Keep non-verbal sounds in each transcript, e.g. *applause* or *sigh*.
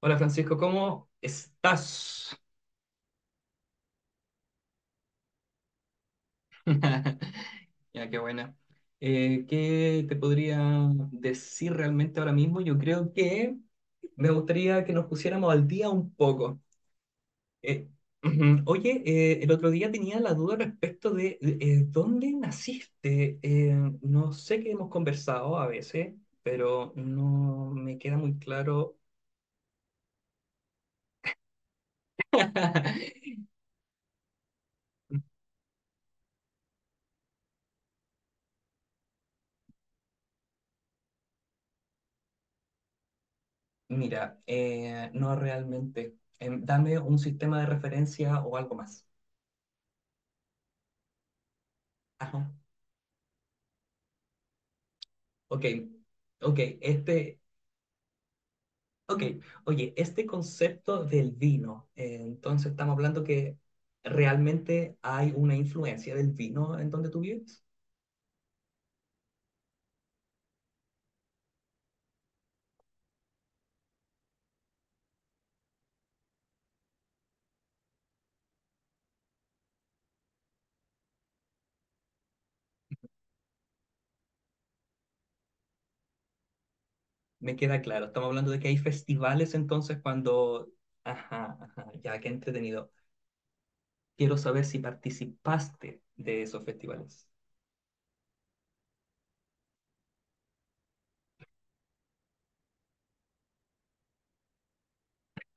Hola Francisco, ¿cómo estás? *laughs* Ya, qué buena. ¿Qué te podría decir realmente ahora mismo? Yo creo que me gustaría que nos pusiéramos al día un poco. Eh, Ujú. Oye, el otro día tenía la duda respecto de dónde naciste. No sé que hemos conversado a veces, pero no me queda muy claro. *laughs* Mira, no realmente. Dame un sistema de referencia o algo más. Ajá. Ok, ok, ok, oye, este concepto del vino, entonces estamos hablando que realmente hay una influencia del vino en donde tú vives. Me queda claro, estamos hablando de que hay festivales entonces cuando. Ajá, ajá, ya, qué entretenido. Quiero saber si participaste de esos festivales.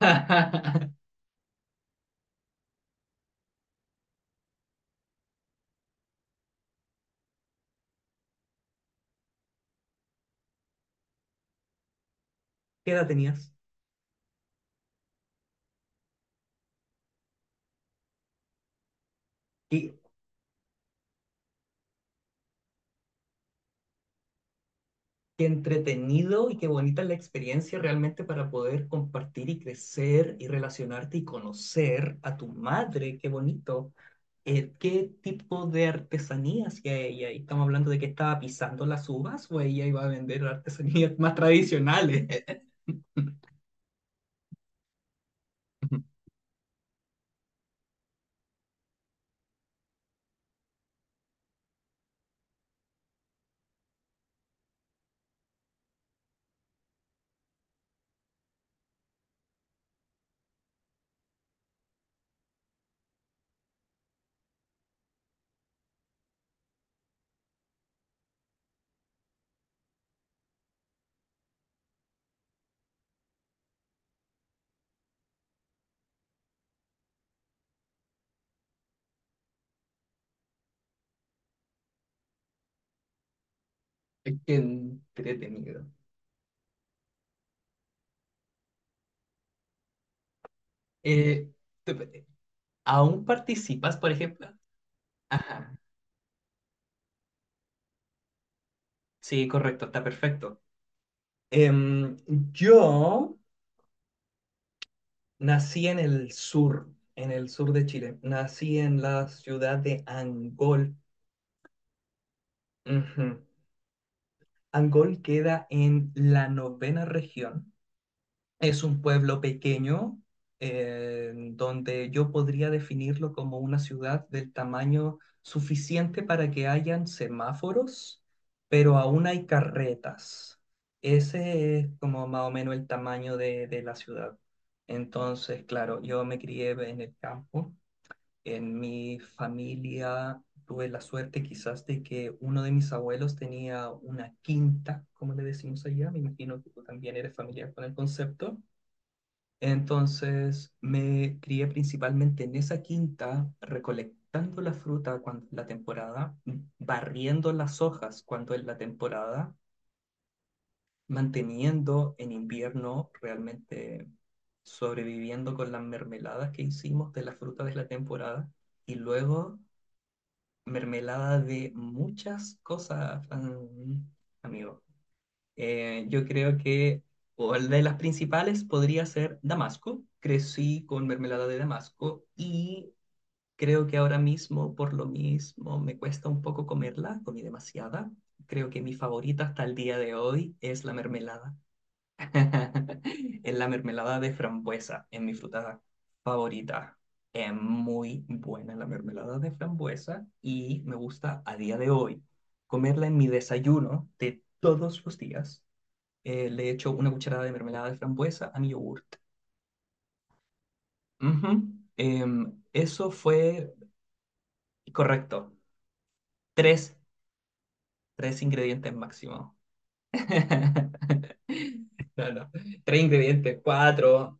*laughs* ¿Qué edad tenías? Qué entretenido y qué bonita es la experiencia realmente para poder compartir y crecer y relacionarte y conocer a tu madre, qué bonito. ¿Qué tipo de artesanía hacía ella? Y estamos hablando de que estaba pisando las uvas o ella iba a vender artesanías más tradicionales. *laughs* Qué entretenido. Eh, te- ¿Aún participas, por ejemplo? Ajá, sí, correcto, está perfecto. Em, yo Nací en el sur de Chile. Nací en la ciudad de Angol. Ujú. Angol queda en la novena región. Es un pueblo pequeño donde yo podría definirlo como una ciudad del tamaño suficiente para que hayan semáforos, pero aún hay carretas. Ese es como más o menos el tamaño de la ciudad. Entonces, claro, yo me crié en el campo. En mi familia tuve la suerte quizás de que uno de mis abuelos tenía una quinta, como le decimos allá, me imagino que tú también eres familiar con el concepto. Entonces me crié principalmente en esa quinta, recolectando la fruta cuando es la temporada, barriendo las hojas cuando es la temporada, manteniendo en invierno realmente sobreviviendo con las mermeladas que hicimos de la fruta de la temporada y luego mermelada de muchas cosas, amigo. Yo creo que una de las principales podría ser Damasco. Crecí con mermelada de Damasco y creo que ahora mismo, por lo mismo, me cuesta un poco comerla, comí demasiada. Creo que mi favorita hasta el día de hoy es la mermelada. *laughs* Es la mermelada de frambuesa, es mi fruta favorita. Es muy buena la mermelada de frambuesa y me gusta a día de hoy comerla en mi desayuno de todos los días. Le echo una cucharada de mermelada de frambuesa a mi yogurt. Ujú. Eso fue correcto. Tres, tres ingredientes máximo. *laughs* No, no. Tres ingredientes, cuatro.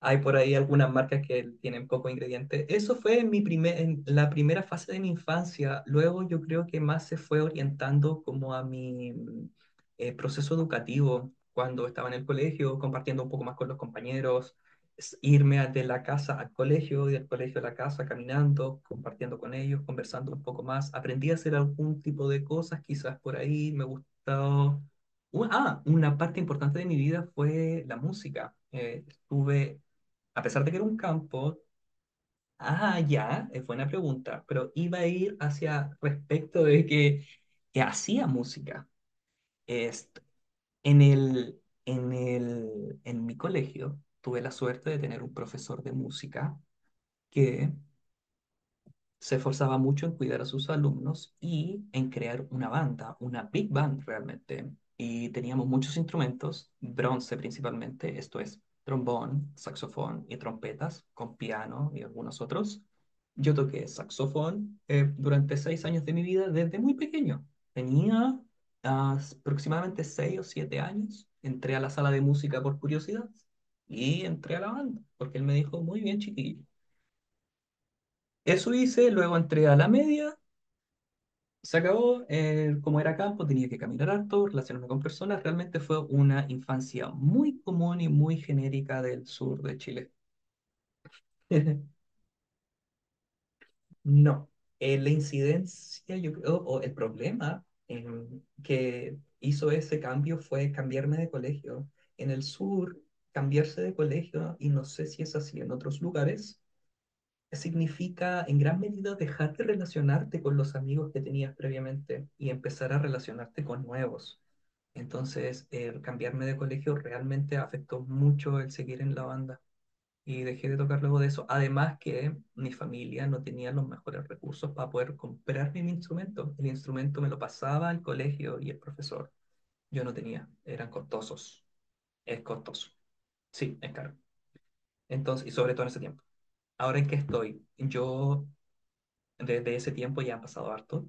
Hay por ahí algunas marcas que tienen poco ingrediente. Eso fue en en la primera fase de mi infancia. Luego yo creo que más se fue orientando como a mi proceso educativo cuando estaba en el colegio, compartiendo un poco más con los compañeros, de la casa al colegio y del colegio a la casa caminando, compartiendo con ellos, conversando un poco más. Aprendí a hacer algún tipo de cosas, quizás por ahí me gustó. Una parte importante de mi vida fue la música. Estuve a pesar de que era un campo, ah, ya, es buena pregunta, pero iba a ir hacia respecto de que, hacía música. Est- en el, en mi colegio tuve la suerte de tener un profesor de música que se esforzaba mucho en cuidar a sus alumnos y en crear una banda, una big band realmente. Y teníamos muchos instrumentos, bronce principalmente, esto es trombón, saxofón y trompetas, con piano y algunos otros. Yo toqué saxofón durante 6 años de mi vida desde muy pequeño. Tenía aproximadamente 6 o 7 años. Entré a la sala de música por curiosidad y entré a la banda, porque él me dijo, muy bien, chiquillo. Eso hice, luego entré a la media, se acabó, como era campo, tenía que caminar harto, relacionarme con personas. Realmente fue una infancia muy común y muy genérica del sur de Chile. *laughs* No, la incidencia, yo creo, o el problema que hizo ese cambio fue cambiarme de colegio. En el sur, cambiarse de colegio, y no sé si es así en otros lugares, significa en gran medida dejar de relacionarte con los amigos que tenías previamente y empezar a relacionarte con nuevos. Entonces, el cambiarme de colegio realmente afectó mucho el seguir en la banda y dejé de tocar luego de eso. Además que mi familia no tenía los mejores recursos para poder comprarme mi instrumento. El instrumento me lo pasaba al colegio y el profesor. Yo no tenía, eran costosos. Es costoso. Sí, es caro. Entonces, y sobre todo en ese tiempo. Ahora en que estoy, yo Desde ese tiempo ya han pasado harto.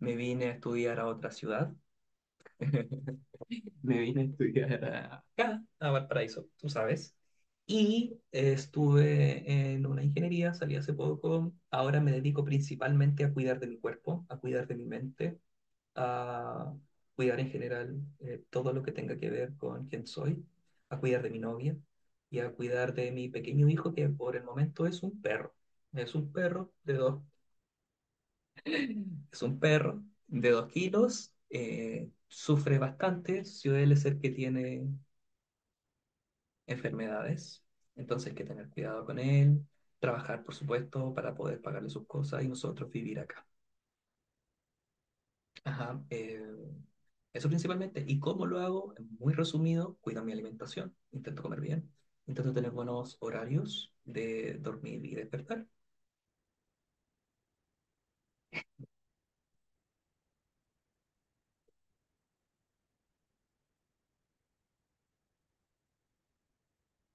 Me vine a estudiar a otra ciudad. *laughs* Me vine a estudiar acá, a Valparaíso, tú sabes. Y estuve en una ingeniería, salí hace poco. Ahora me dedico principalmente a cuidar de mi cuerpo, a cuidar de mi mente, a cuidar en general todo lo que tenga que ver con quién soy, a cuidar de mi novia y a cuidar de mi pequeño hijo que por el momento es un perro. Es un perro de dos Es un perro de 2 kilos, sufre bastante, suele ser que tiene enfermedades, entonces hay que tener cuidado con él, trabajar, por supuesto, para poder pagarle sus cosas y nosotros vivir acá. Ajá, eso principalmente. ¿Y cómo lo hago? Muy resumido, cuido mi alimentación, intento comer bien, intento tener buenos horarios de dormir y despertar.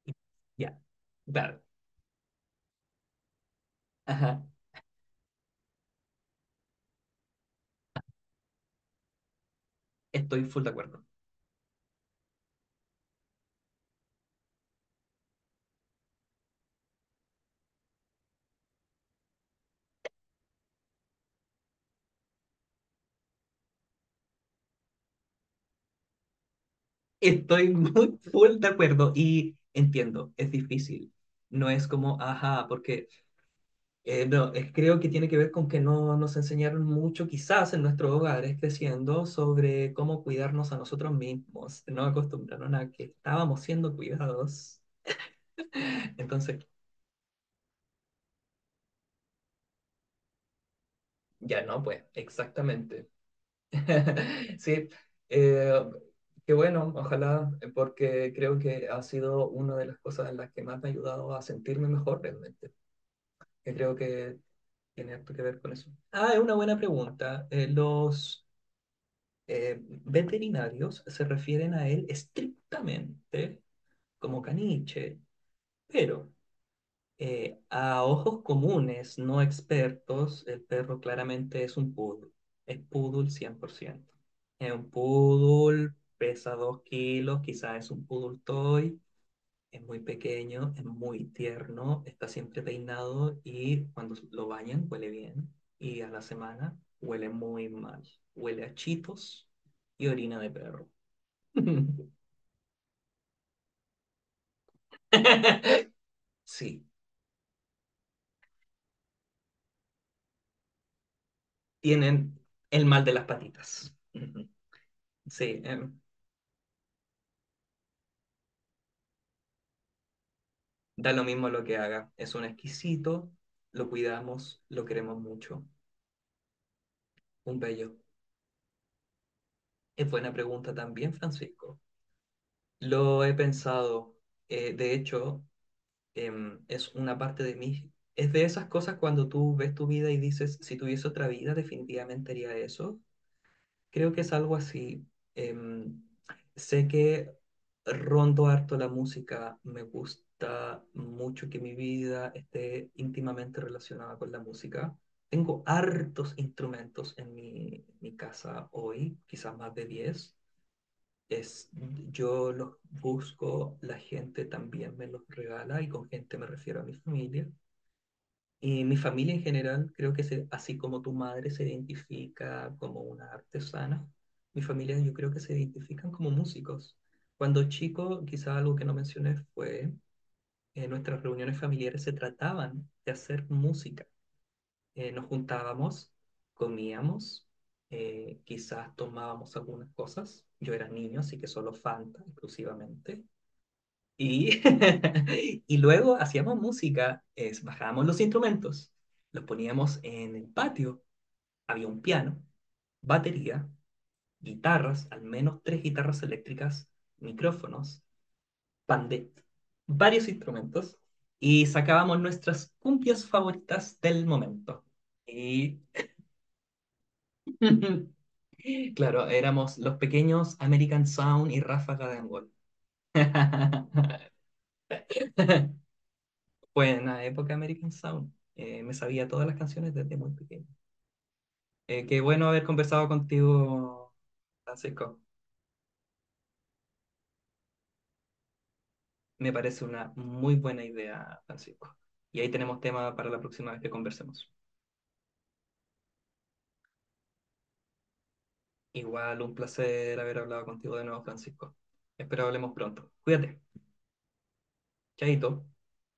Y ya, claro. Ajá, estoy full de acuerdo. Estoy muy full de acuerdo y entiendo, es difícil. No es como, ajá, porque no, creo que tiene que ver con que no nos enseñaron mucho, quizás en nuestros hogares creciendo, sobre cómo cuidarnos a nosotros mismos. No acostumbraron a que estábamos siendo cuidados. *laughs* Entonces, ya no, pues, exactamente. *laughs* Sí, eh, qué bueno, ojalá, porque creo que ha sido una de las cosas en las que más me ha ayudado a sentirme mejor realmente, que creo que tiene harto que ver con eso. Ah, es una buena pregunta. Los eh, veterinarios se refieren a él estrictamente como caniche, pero a ojos comunes, no expertos, el perro claramente es un poodle. Es poodle 100%. Es un poodle, pesa 2 kilos, quizás es un poodle toy. Es muy pequeño, es muy tierno, está siempre peinado y cuando lo bañan huele bien. Y a la semana huele muy mal. Huele a chitos y orina de perro. *laughs* Sí, tienen el mal de las patitas. Sí, da lo mismo lo que haga. Es un exquisito, lo cuidamos, lo queremos mucho. Un bello. Es buena pregunta también, Francisco. Lo he pensado, de hecho, es una parte de mí. Es de esas cosas cuando tú ves tu vida y dices, si tuviese otra vida, definitivamente haría eso. Creo que es algo así. Em, Sé que rondo harto la música, me gusta mucho que mi vida esté íntimamente relacionada con la música. Tengo hartos instrumentos en mi casa hoy, quizás más de 10 es, yo los busco, la gente también me los regala y con gente me refiero a mi familia. Y mi familia en general, creo que se, así como tu madre se identifica como una artesana, mi familia yo creo que se identifican como músicos. Cuando chico, quizá algo que no mencioné fue, en nuestras reuniones familiares se trataban de hacer música nos juntábamos, comíamos, quizás tomábamos algunas cosas. Yo era niño, así que solo Fanta exclusivamente. Y, *laughs* y luego hacíamos música, bajábamos los instrumentos, los poníamos en el patio, había un piano, batería, guitarras, al menos tres guitarras eléctricas, micrófonos, pandet, varios instrumentos, y sacábamos nuestras cumbias favoritas del momento. Y *laughs* claro, éramos los pequeños American Sound y Ráfaga de Angol. *laughs* Fue en la época American Sound. Me sabía todas las canciones desde muy pequeño. Qué bueno haber conversado contigo, Francisco. Me parece una muy buena idea, Francisco. Y ahí tenemos tema para la próxima vez que conversemos. Igual un placer haber hablado contigo de nuevo, Francisco. Espero hablemos pronto. Cuídate. Chaito.